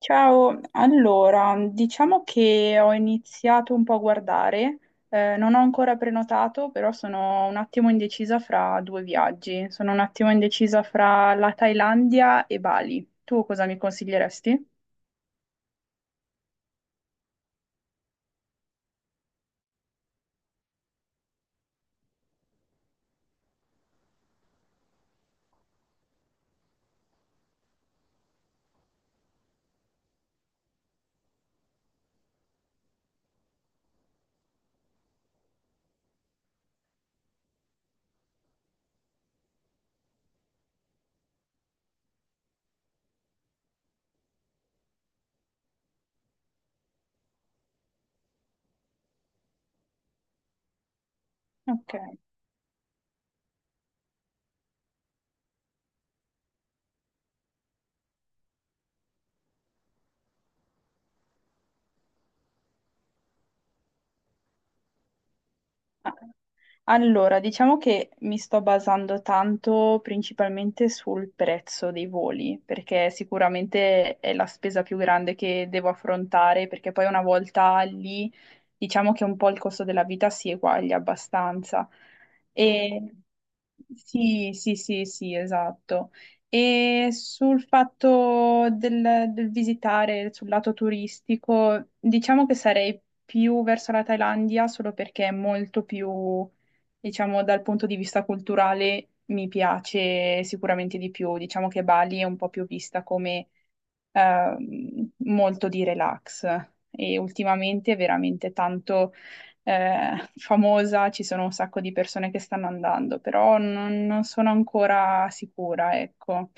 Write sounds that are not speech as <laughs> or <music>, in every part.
Ciao, allora, diciamo che ho iniziato un po' a guardare, non ho ancora prenotato, però sono un attimo indecisa fra due viaggi, sono un attimo indecisa fra la Thailandia e Bali. Tu cosa mi consiglieresti? Ok. Allora, diciamo che mi sto basando tanto principalmente sul prezzo dei voli, perché sicuramente è la spesa più grande che devo affrontare, perché poi una volta lì, diciamo che un po' il costo della vita si eguaglia abbastanza. E sì, sì, sì, sì, esatto. E sul fatto del visitare sul lato turistico, diciamo che sarei più verso la Thailandia solo perché è molto più, diciamo, dal punto di vista culturale mi piace sicuramente di più. Diciamo che Bali è un po' più vista come molto di relax e ultimamente è veramente tanto famosa, ci sono un sacco di persone che stanno andando, però non sono ancora sicura, ecco.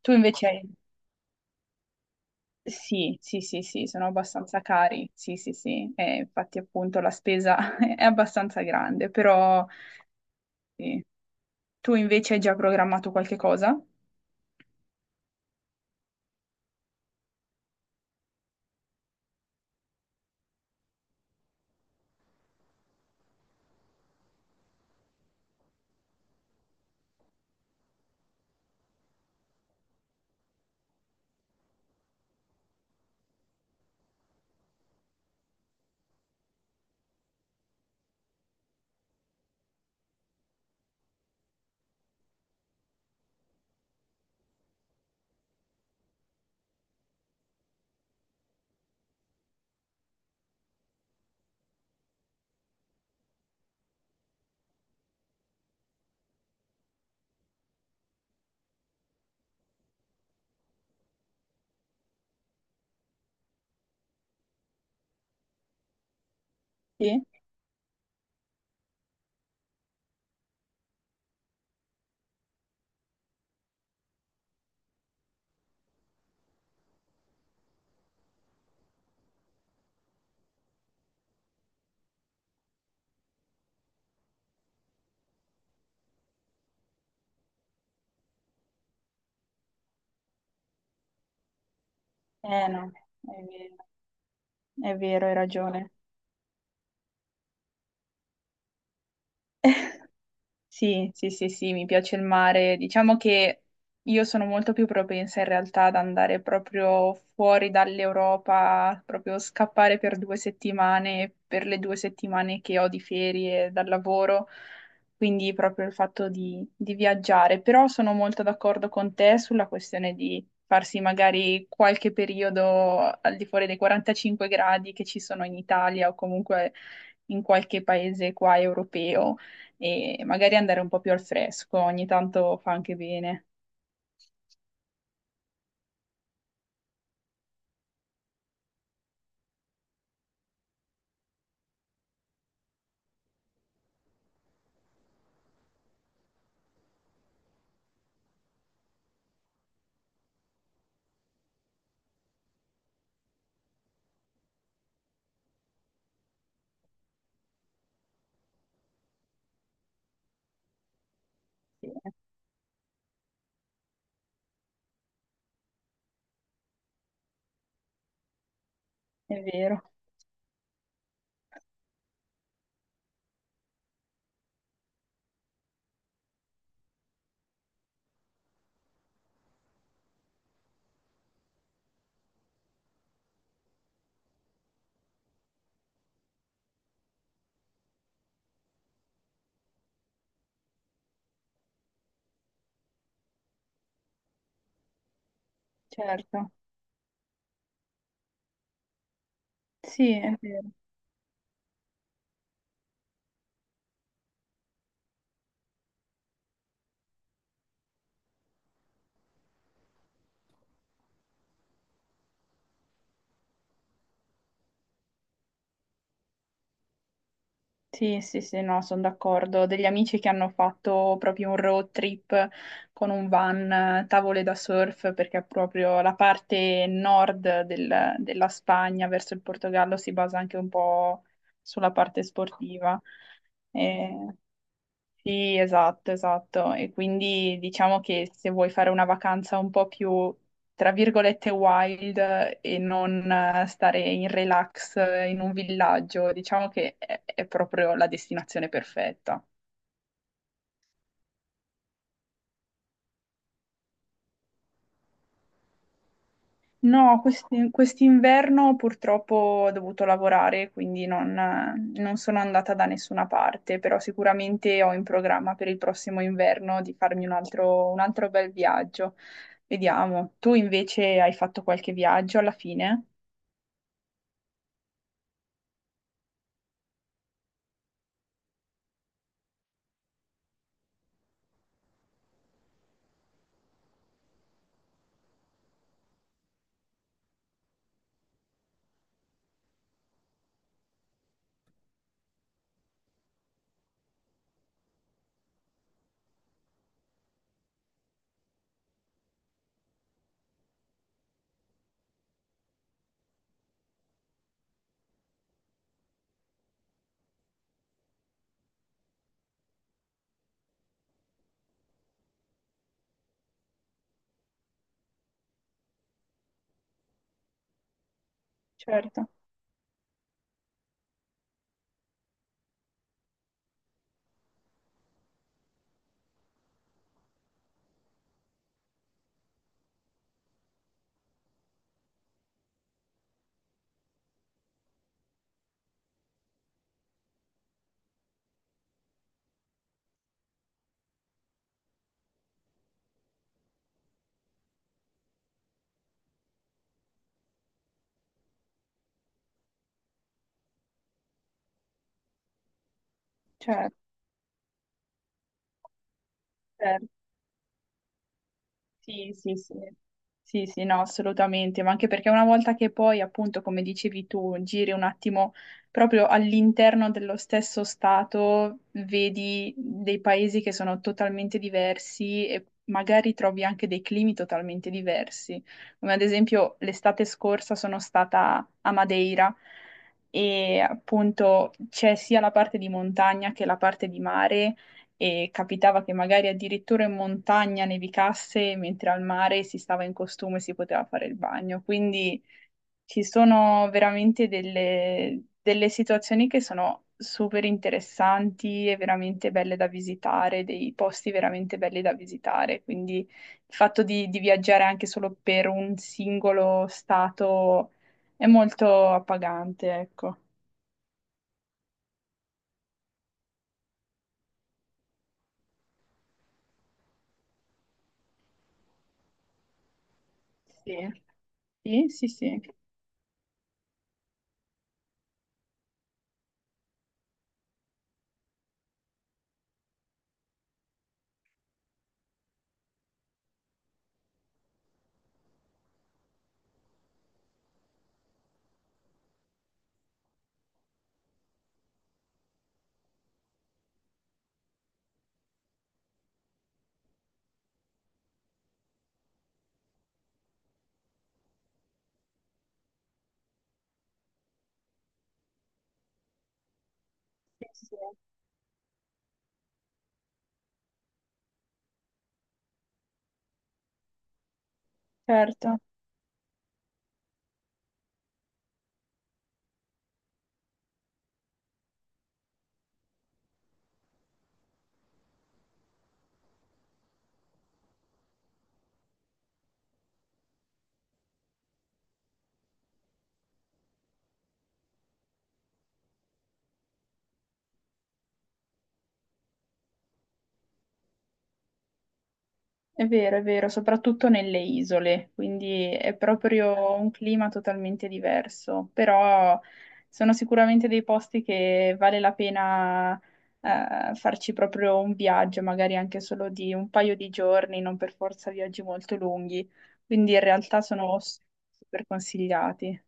Tu invece hai... Sì, sì, sì, sì, sono abbastanza cari, sì, sì, sì, eh, infatti appunto la spesa <laughs> è abbastanza grande, però sì. Tu invece hai già programmato qualche cosa? Sì? Eh no, è vero, è vero, hai ragione. Sì, sì, sì, sì, mi piace il mare. Diciamo che io sono molto più propensa in realtà ad andare proprio fuori dall'Europa, proprio scappare per 2 settimane, per le 2 settimane che ho di ferie dal lavoro, quindi proprio il fatto di viaggiare. Però sono molto d'accordo con te sulla questione di farsi magari qualche periodo al di fuori dei 45 gradi che ci sono in Italia o comunque in qualche paese qua europeo e magari andare un po' più al fresco, ogni tanto fa anche bene. Sì, è vero, certo. Sì, è vero. Sì, sì, sì, no, sono d'accordo. Ho degli amici che hanno fatto proprio un road trip con un van, tavole da surf, perché proprio la parte nord della Spagna verso il Portogallo si basa anche un po' sulla parte sportiva. Sì, esatto, esatto. E quindi diciamo che se vuoi fare una vacanza un po' più, tra virgolette, wild e non stare in relax in un villaggio, diciamo che è proprio la destinazione perfetta. No, quest'inverno purtroppo ho dovuto lavorare, quindi non sono andata da nessuna parte, però sicuramente ho in programma per il prossimo inverno di farmi un altro bel viaggio. Vediamo. Tu invece hai fatto qualche viaggio alla fine? Certo, certo. Certo. Sì, sì, sì, sì, sì, no, assolutamente, ma anche perché una volta che poi, appunto, come dicevi tu, giri un attimo proprio all'interno dello stesso stato, vedi dei paesi che sono totalmente diversi e magari trovi anche dei climi totalmente diversi. Come ad esempio l'estate scorsa sono stata a Madeira e appunto c'è sia la parte di montagna che la parte di mare e capitava che magari addirittura in montagna nevicasse, mentre al mare si stava in costume e si poteva fare il bagno. Quindi ci sono veramente delle, delle situazioni che sono super interessanti e veramente belle da visitare, dei posti veramente belli da visitare. Quindi il fatto di viaggiare anche solo per un singolo stato è molto appagante, ecco. Sì. Sì, sì, sì, sì, sì. Certo. È vero, soprattutto nelle isole, quindi è proprio un clima totalmente diverso, però sono sicuramente dei posti che vale la pena farci proprio un viaggio, magari anche solo di un paio di giorni, non per forza viaggi molto lunghi, quindi in realtà super consigliati.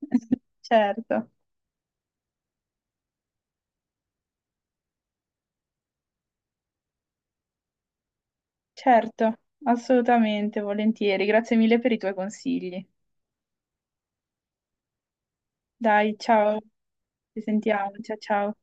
<laughs> Certo, certo, assolutamente, volentieri. Grazie mille per i tuoi consigli. Dai, ciao, ci sentiamo, ciao ciao.